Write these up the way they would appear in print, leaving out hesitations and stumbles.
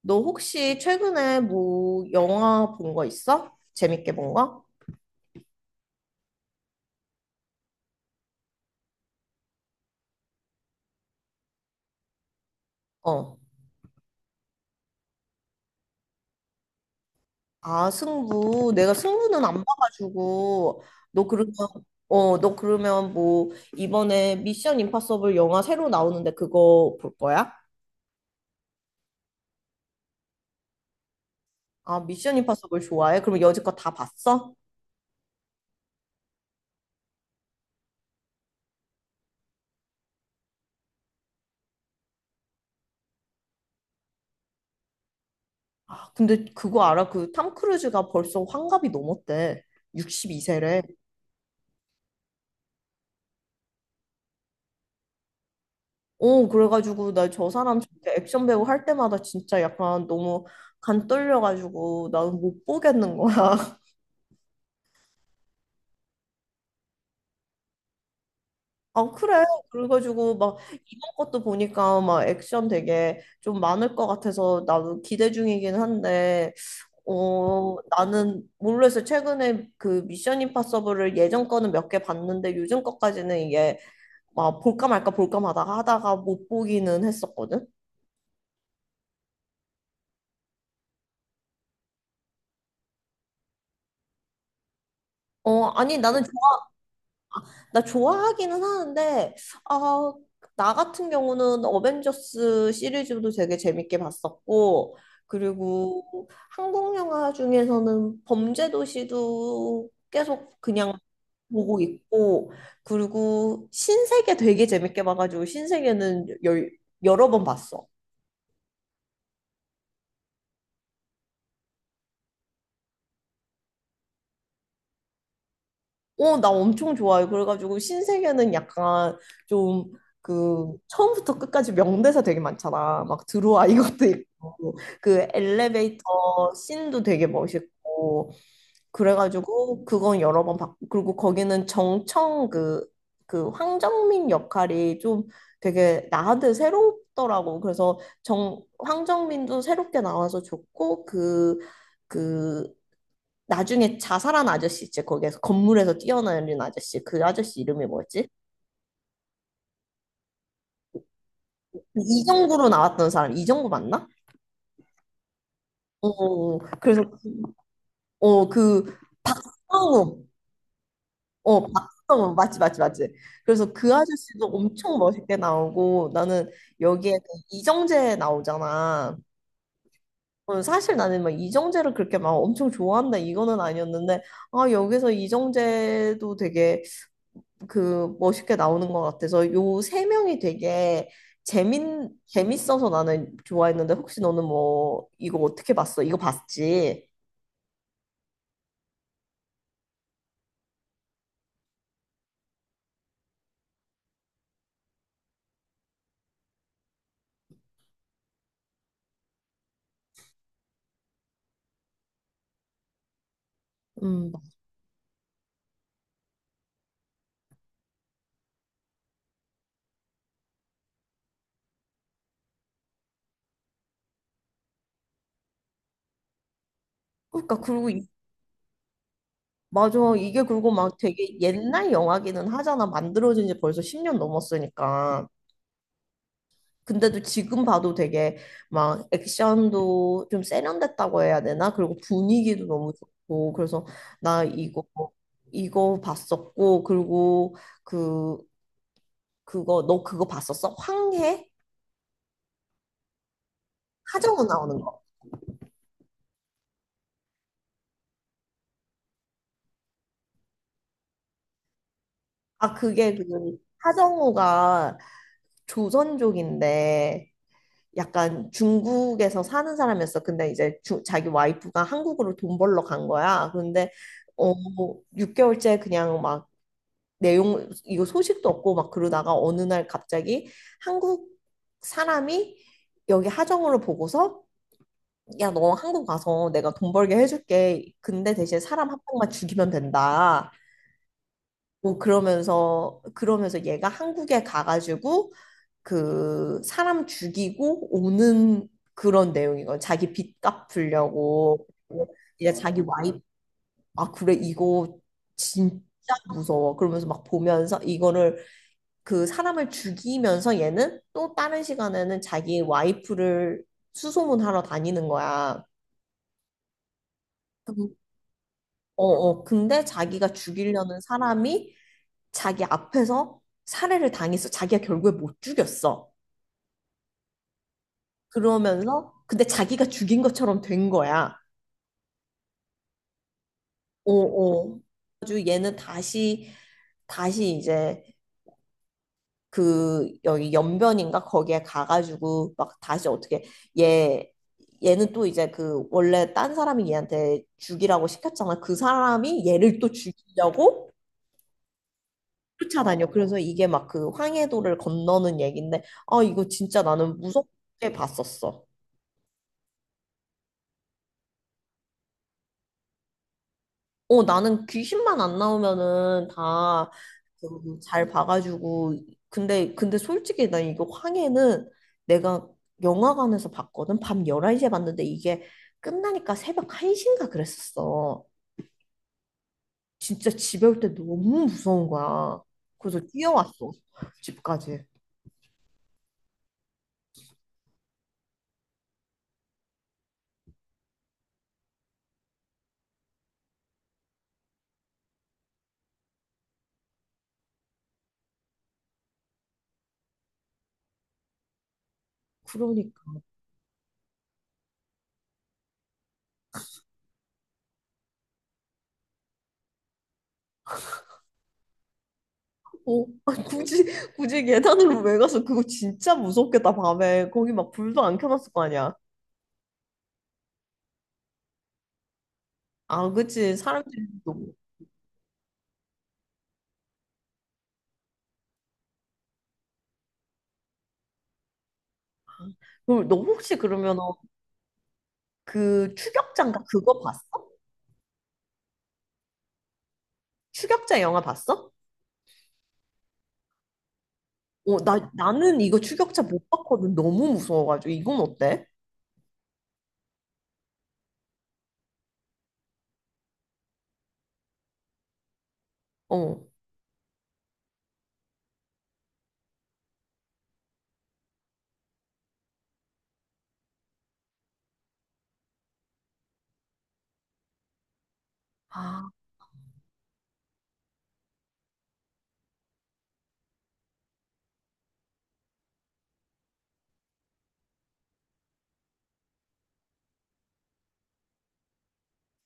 너 혹시 최근에 뭐 영화 본 거 있어? 재밌게 본 거? 어. 아, 승부. 내가 승부는 안 봐가지고 너 그러면 어, 너 그러면 뭐 이번에 미션 임파서블 영화 새로 나오는데 그거 볼 거야? 아, 미션 임파서블 좋아해? 그럼 여지껏 다 봤어? 아, 근데 그거 알아? 그 탐 크루즈가 벌써 환갑이 넘었대. 62세래. 어, 그래가지고 나 저 사람 진짜 액션 배우 할 때마다 진짜 약간 너무 간 떨려가지고 나는 못 보겠는 거야. 아, 그래. 그래가지고 막 이번 것도 보니까 막 액션 되게 좀 많을 것 같아서 나도 기대 중이긴 한데, 어, 나는 모르겠어. 최근에 그 미션 임파서블을 예전 거는 몇 개 봤는데 요즘 거까지는 이게 막 볼까 말까 볼까 마다 하다가 못 보기는 했었거든. 어, 아니 나는 나 좋아하기는 하는데, 아, 나 같은 경우는 어벤져스 시리즈도 되게 재밌게 봤었고, 그리고 한국 영화 중에서는 범죄도시도 계속 그냥 보고 있고, 그리고 신세계 되게 재밌게 봐가지고, 신세계는 여러 번 봤어. 어, 나 엄청 좋아요. 그래가지고 신세계는 약간 좀 그 처음부터 끝까지 명대사 되게 많잖아. 막 들어와 이것도 있고 그 엘리베이터 씬도 되게 멋있고 그래가지고 그건 여러 번 봤고 그리고 거기는 정청 그 황정민 역할이 좀 되게 나한테 새롭더라고. 그래서 정 황정민도 새롭게 나와서 좋고 그그 나중에 자살한 아저씨 있지 거기에서 건물에서 뛰어내린 아저씨 그 아저씨 이름이 뭐였지? 이정구로 나왔던 사람 이정구 맞나? 어 어, 그래서 어그 성우 어 박성우 맞지 맞지 맞지. 그래서 그 아저씨도 엄청 멋있게 나오고 나는 여기에 그 이정재 나오잖아. 어, 사실 나는 막 이정재를 그렇게 막 엄청 좋아한다 이거는 아니었는데 아 여기서 이정재도 되게 그 멋있게 나오는 것 같아서 요 세 명이 되게 재민 재밌어서 나는 좋아했는데 혹시 너는 뭐 이거 어떻게 봤어? 이거 봤지? 음, 그러니까 그리고 맞아. 이게 그리고 막 되게 옛날 영화기는 하잖아. 만들어진 지 벌써 10년 넘었으니까 근데도 지금 봐도 되게 막 액션도 좀 세련됐다고 해야 되나. 그리고 분위기도 너무 좋고 그래서 나 이거 봤었고 그리고 그 그거 너 그거 봤었어? 황해? 하정우 나오는 거. 아 그게 하정우가 조선족인데 약간 중국에서 사는 사람이었어. 근데 이제 자기 와이프가 한국으로 돈 벌러 간 거야. 근데 어 6개월째 그냥 막 내용 이거 소식도 없고 막 그러다가 어느 날 갑자기 한국 사람이 여기 하정우를 보고서 야, 너 한국 가서 내가 돈 벌게 해줄게. 근데 대신 사람 한 명만 죽이면 된다. 뭐 그러면서 얘가 한국에 가가지고 그 사람 죽이고 오는 그런 내용이거든. 자기 빚 갚으려고 이제 자기 와이프. 아 그래 이거 진짜 무서워. 그러면서 막 보면서 이거를 그 사람을 죽이면서 얘는 또 다른 시간에는 자기 와이프를 수소문하러 다니는 거야. 그- 어, 어. 근데 자기가 죽이려는 사람이 자기 앞에서 살해를 당했어. 자기가 결국에 못 죽였어. 그러면서 근데 자기가 죽인 것처럼 된 거야. 오오. 다시 이제 그 여기 연변인가 거기에 가가지고 막 다시 어떻게 얘 얘는 또 이제 그 원래 딴 사람이 얘한테 죽이라고 시켰잖아. 그 사람이 얘를 또 죽이려고 쫓아다녀. 그래서 이게 막 그 황해도를 건너는 얘긴데 아 이거 진짜 나는 무섭게 봤었어. 어, 나는 귀신만 안 나오면은 다 잘 봐가지고. 근데 솔직히 나 이거 황해는 내가 영화관에서 봤거든. 밤 11시에 봤는데 이게 끝나니까 새벽 1시인가 그랬었어. 진짜 집에 올 때 너무 무서운 거야. 그래서 뛰어왔어. 집까지. 그러니까. 어, 아, 굳이, 굳이 계단으로 왜 가서. 그거 진짜 무섭겠다, 밤에. 거기 막 불도 안 켜놨을 거 아니야. 아, 그치. 사람들이 너무. 그럼 너 혹시 그러면 그 추격자인가 그거 봤어? 추격자 영화 봤어? 어, 나 나는 이거 추격자 못 봤거든. 너무 무서워가지고 이건 어때? 어. 아,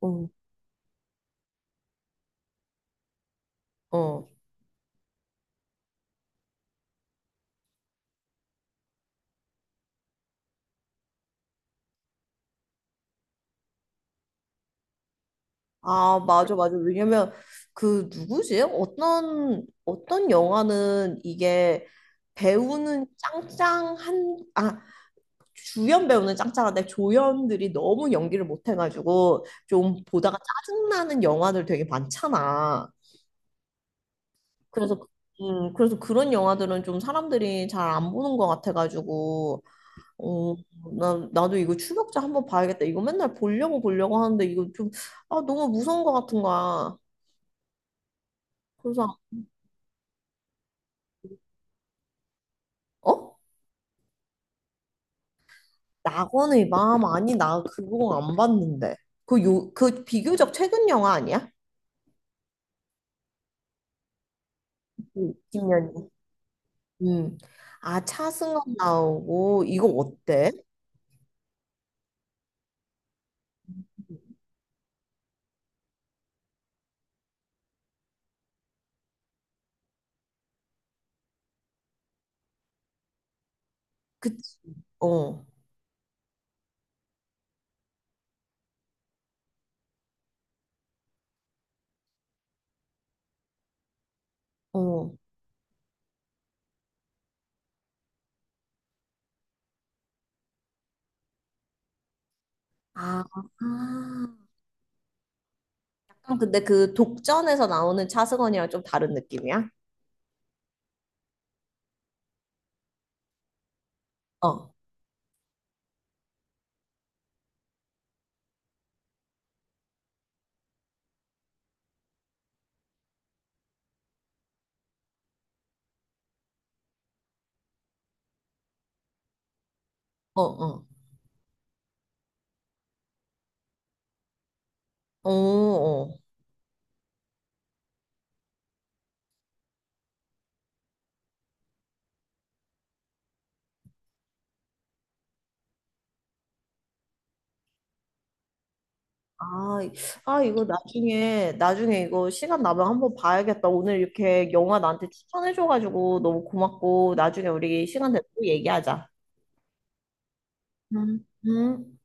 어, 어. 아, 맞아, 맞아. 왜냐면 그 누구지? 어떤 영화는 이게 배우는 짱짱한 아 주연 배우는 짱짱한데 조연들이 너무 연기를 못해가지고 좀 보다가 짜증나는 영화들 되게 많잖아. 그래서 그래서 그런 영화들은 좀 사람들이 잘 안 보는 것 같아가지고. 어, 나도 이거 추격자 한번 봐야겠다. 이거 맨날 보려고 보려고 하는데 이거 좀 아, 너무 무서운 것 같은 거야. 그래서 어? 낙원의 마음? 아니 나 그거 안 봤는데. 그 요 그 비교적 최근 영화 아니야? 20년이. 음. 아, 차승원 나오고 이거 어때? 그치. 어. 어. 아. 아. 아, 근데 그 독전에서 나오는 차승원이랑 좀 다른 느낌이야? 어, 어, 어. 어, 어. 아, 아, 이거 나중에, 나중에 이거 시간 나면 한번 봐야겠다. 오늘 이렇게 영화 나한테 추천해줘가지고 너무 고맙고, 나중에 우리 시간 되면 또 얘기하자. 음. 음.